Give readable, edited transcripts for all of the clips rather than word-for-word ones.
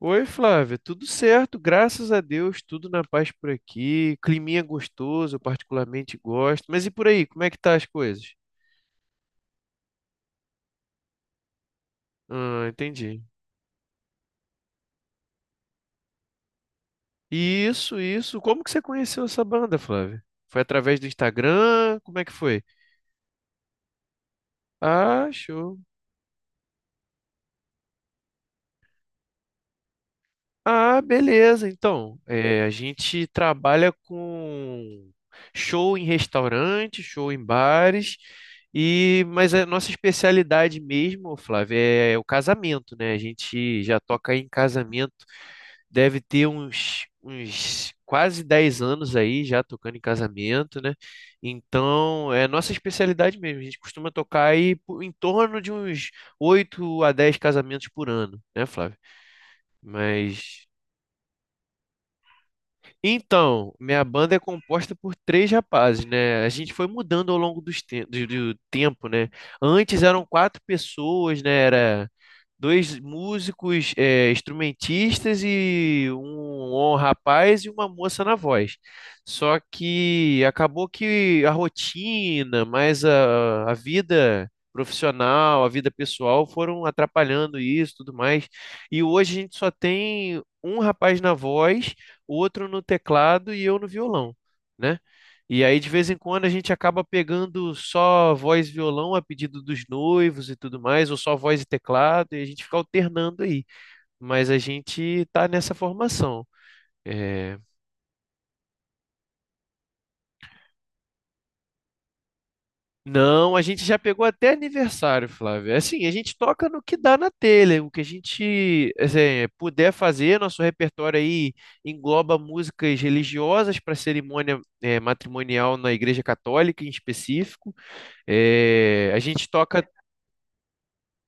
Oi, Flávia, tudo certo, graças a Deus, tudo na paz por aqui. Climinha gostoso, eu particularmente gosto. Mas e por aí, como é que tá as coisas? Ah, entendi. Isso, isso. Como que você conheceu essa banda, Flávia? Foi através do Instagram? Como é que foi? Ah, show. Ah, beleza. Então, é, a gente trabalha com show em restaurante, show em bares, e mas a nossa especialidade mesmo, Flávio, é o casamento, né? A gente já toca aí em casamento, deve ter uns quase 10 anos aí já tocando em casamento, né? Então, é nossa especialidade mesmo. A gente costuma tocar aí em torno de uns 8 a 10 casamentos por ano, né, Flávio? Mas. Então, minha banda é composta por três rapazes, né? A gente foi mudando ao longo do tempo, né? Antes eram quatro pessoas, né? Era dois músicos, instrumentistas e um rapaz e uma moça na voz. Só que acabou que a rotina, mais a vida profissional, a vida pessoal foram atrapalhando isso, tudo mais. E hoje a gente só tem um rapaz na voz, outro no teclado e eu no violão, né? E aí, de vez em quando, a gente acaba pegando só voz e violão a pedido dos noivos e tudo mais, ou só voz e teclado, e a gente fica alternando aí. Mas a gente tá nessa formação. É. Não, a gente já pegou até aniversário, Flávio. É. Assim, a gente toca no que dá na telha, o que a gente, assim, puder fazer. Nosso repertório aí engloba músicas religiosas para cerimônia, é, matrimonial na Igreja Católica em específico. É, a gente toca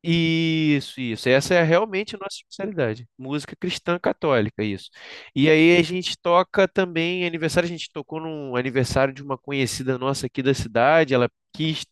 isso, isso. Essa é realmente a nossa especialidade. Música cristã católica, isso. E aí a gente toca também aniversário, a gente tocou num aniversário de uma conhecida nossa aqui da cidade. Ela quis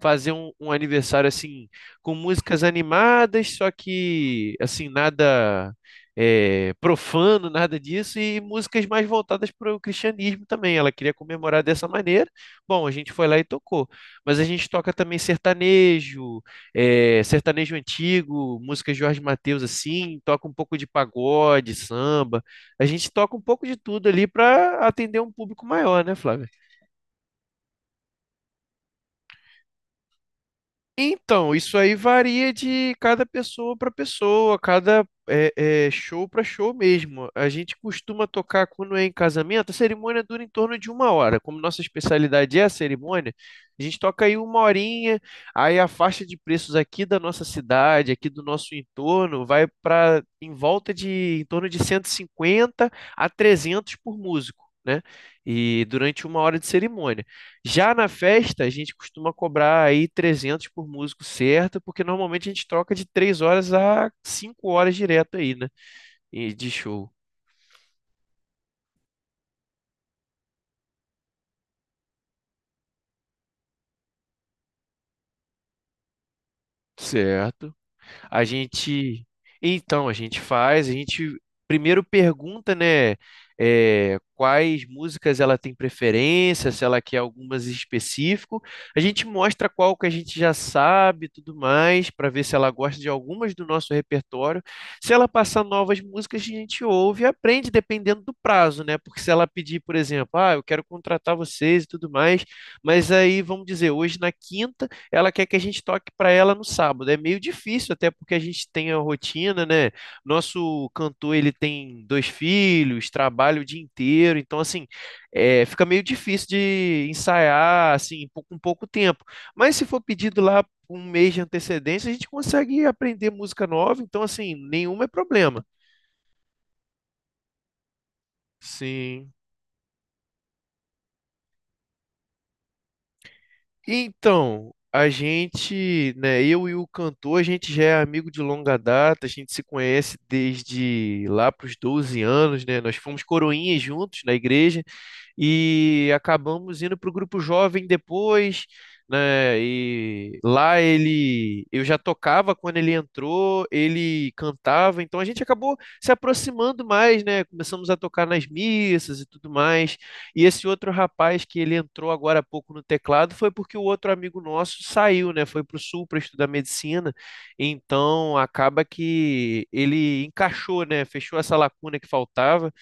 fazer um aniversário assim com músicas animadas, só que assim, nada é, profano, nada disso, e músicas mais voltadas para o cristianismo também. Ela queria comemorar dessa maneira. Bom, a gente foi lá e tocou. Mas a gente toca também sertanejo, é, sertanejo antigo, música Jorge Mateus assim, toca um pouco de pagode, samba. A gente toca um pouco de tudo ali para atender um público maior, né, Flávio? Então, isso aí varia de cada pessoa para pessoa, cada é, é, show para show mesmo. A gente costuma tocar quando é em casamento, a cerimônia dura em torno de uma hora. Como nossa especialidade é a cerimônia, a gente toca aí uma horinha, aí a faixa de preços aqui da nossa cidade, aqui do nosso entorno, vai para em volta de em torno de 150 a 300 por músico. Né? E durante uma hora de cerimônia. Já na festa, a gente costuma cobrar aí 300 por músico, certo, porque normalmente a gente troca de 3 horas a 5 horas direto aí, né? E de show. Certo. A gente, então, a gente faz, a gente primeiro pergunta, né, é, quais músicas ela tem preferência, se ela quer algumas em específico. A gente mostra qual que a gente já sabe, e tudo mais, para ver se ela gosta de algumas do nosso repertório. Se ela passar novas músicas, a gente ouve e aprende dependendo do prazo, né? Porque se ela pedir, por exemplo, ah, eu quero contratar vocês e tudo mais, mas aí vamos dizer, hoje na quinta ela quer que a gente toque para ela no sábado. É meio difícil, até porque a gente tem a rotina, né? Nosso cantor, ele tem dois filhos, trabalha o dia inteiro, então assim, é, fica meio difícil de ensaiar assim com pouco tempo. Mas se for pedido lá com um mês de antecedência, a gente consegue aprender música nova, então assim, nenhum é problema. Sim. Então, a gente, né, eu e o cantor, a gente já é amigo de longa data, a gente se conhece desde lá para os 12 anos, né? Nós fomos coroinhas juntos na igreja e acabamos indo para o grupo jovem depois, né? E lá ele, eu já tocava quando ele entrou, ele cantava, então a gente acabou se aproximando mais, né? Começamos a tocar nas missas e tudo mais. E esse outro rapaz que ele entrou agora há pouco no teclado foi porque o outro amigo nosso saiu, né? Foi para o sul para estudar medicina. Então acaba que ele encaixou, né? Fechou essa lacuna que faltava.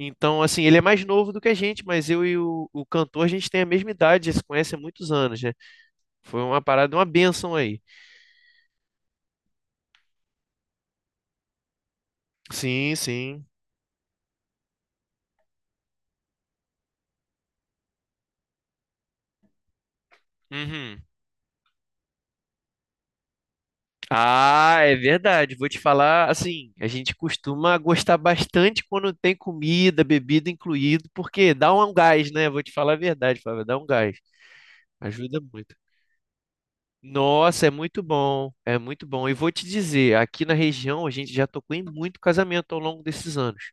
Então, assim, ele é mais novo do que a gente, mas eu e o cantor, a gente tem a mesma idade, já se conhece há muitos anos, né? Foi uma parada, uma bênção aí. Sim, sim. Uhum. Ah, é verdade. Vou te falar, assim, a gente costuma gostar bastante quando tem comida, bebida incluído, porque dá um gás, né? Vou te falar a verdade, Flávio, dá um gás. Ajuda muito. Nossa, é muito bom, é muito bom. E vou te dizer, aqui na região a gente já tocou em muito casamento ao longo desses anos.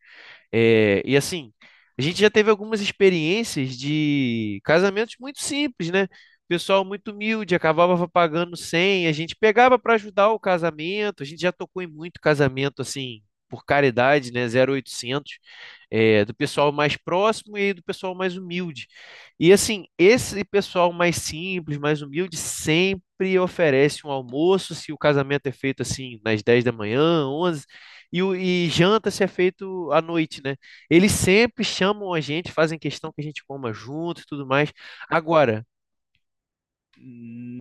É, e assim, a gente já teve algumas experiências de casamentos muito simples, né? Pessoal muito humilde, acabava pagando 100, a gente pegava para ajudar o casamento, a gente já tocou em muito casamento assim, por caridade, né? 0800, é, do pessoal mais próximo e do pessoal mais humilde. E assim, esse pessoal mais simples, mais humilde, sempre oferece um almoço, se o casamento é feito assim, nas 10 da manhã, 11, e, e janta se é feito à noite, né? Eles sempre chamam a gente, fazem questão que a gente coma junto e tudo mais. Agora,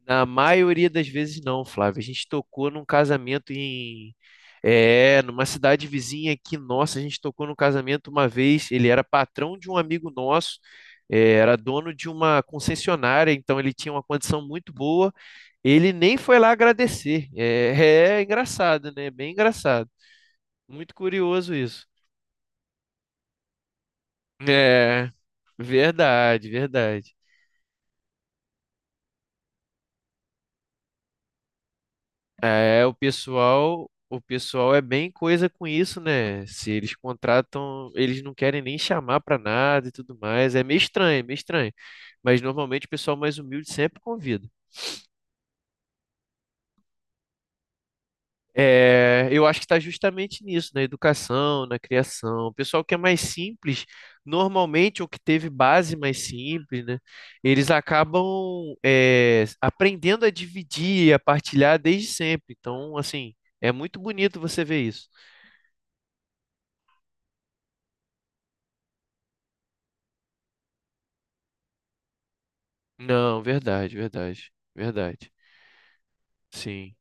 na maioria das vezes não, Flávio. A gente tocou num casamento em, é, numa cidade vizinha aqui, nossa, a gente tocou num casamento uma vez, ele era patrão de um amigo nosso, é, era dono de uma concessionária, então ele tinha uma condição muito boa. Ele nem foi lá agradecer. É, é engraçado, né? Bem engraçado. Muito curioso isso. É, verdade, verdade. É, o pessoal é bem coisa com isso, né? Se eles contratam, eles não querem nem chamar pra nada e tudo mais. É meio estranho, é meio estranho. Mas normalmente o pessoal mais humilde sempre convida. É, eu acho que está justamente nisso, na educação, na criação. O pessoal que é mais simples, normalmente, ou que teve base mais simples, né? Eles acabam, é, aprendendo a dividir, a partilhar desde sempre. Então, assim, é muito bonito você ver isso. Não, verdade, verdade, verdade. Sim,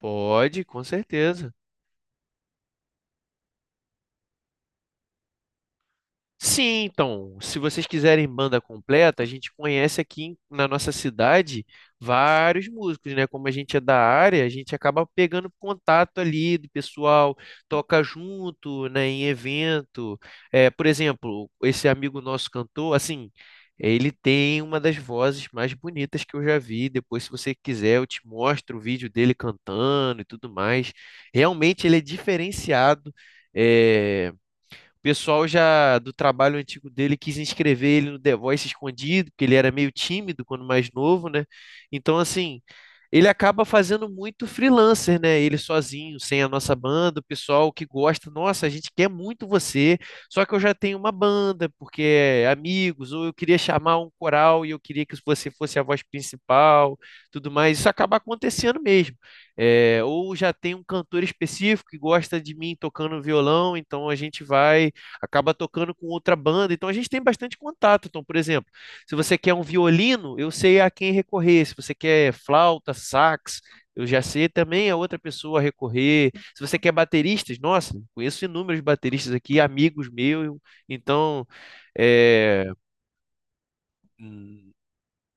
pode, com certeza. Sim, então, se vocês quiserem banda completa, a gente conhece aqui na nossa cidade vários músicos, né? Como a gente é da área, a gente acaba pegando contato ali do pessoal, toca junto, né, em evento. É, por exemplo, esse amigo nosso cantor, assim, ele tem uma das vozes mais bonitas que eu já vi. Depois, se você quiser, eu te mostro o vídeo dele cantando e tudo mais. Realmente ele é diferenciado. É, o pessoal já do trabalho antigo dele quis inscrever ele no The Voice escondido, porque ele era meio tímido quando mais novo, né? Então, assim, ele acaba fazendo muito freelancer, né? Ele sozinho, sem a nossa banda, o pessoal que gosta, nossa, a gente quer muito você, só que eu já tenho uma banda, porque é amigos, ou eu queria chamar um coral e eu queria que você fosse a voz principal, tudo mais. Isso acaba acontecendo mesmo. É, ou já tem um cantor específico que gosta de mim tocando violão, então a gente vai acaba tocando com outra banda, então a gente tem bastante contato. Então, por exemplo, se você quer um violino, eu sei a quem recorrer. Se você quer flauta, sax, eu já sei também a outra pessoa a recorrer. Se você quer bateristas, nossa, conheço inúmeros bateristas aqui, amigos meus. Então, é,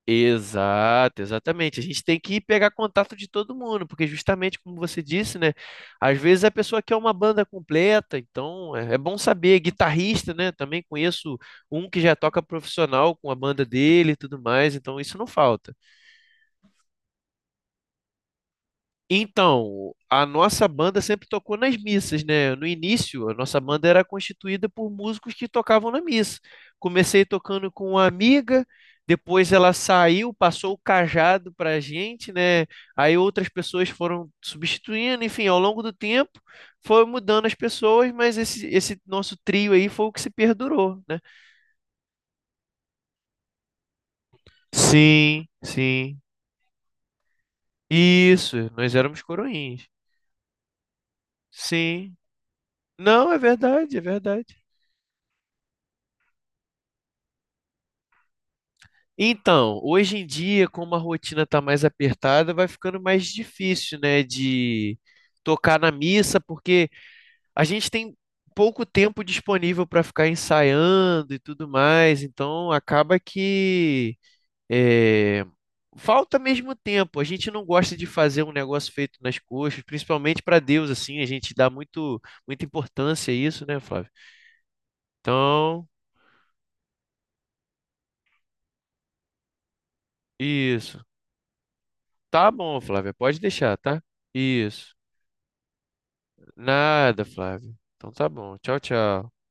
exato, exatamente. A gente tem que ir pegar contato de todo mundo, porque justamente como você disse, né? Às vezes a pessoa quer uma banda completa, então é bom saber. Guitarrista, né? Também conheço um que já toca profissional com a banda dele e tudo mais, então isso não falta. Então, a nossa banda sempre tocou nas missas, né? No início, a nossa banda era constituída por músicos que tocavam na missa. Comecei tocando com uma amiga, depois ela saiu, passou o cajado para a gente, né? Aí outras pessoas foram substituindo, enfim, ao longo do tempo foi mudando as pessoas, mas esse nosso trio aí foi o que se perdurou, né? Sim, sim. Isso, nós éramos coroinhas. Sim. Não, é verdade, é verdade. Então, hoje em dia, como a rotina está mais apertada, vai ficando mais difícil, né, de tocar na missa, porque a gente tem pouco tempo disponível para ficar ensaiando e tudo mais, então acaba que eh, falta mesmo tempo. A gente não gosta de fazer um negócio feito nas coxas, principalmente para Deus, assim, a gente dá muito, muita importância a isso, né, Flávio? Então, isso. Tá bom, Flávia, pode deixar, tá? Isso. Nada, Flávio. Então tá bom. Tchau, tchau.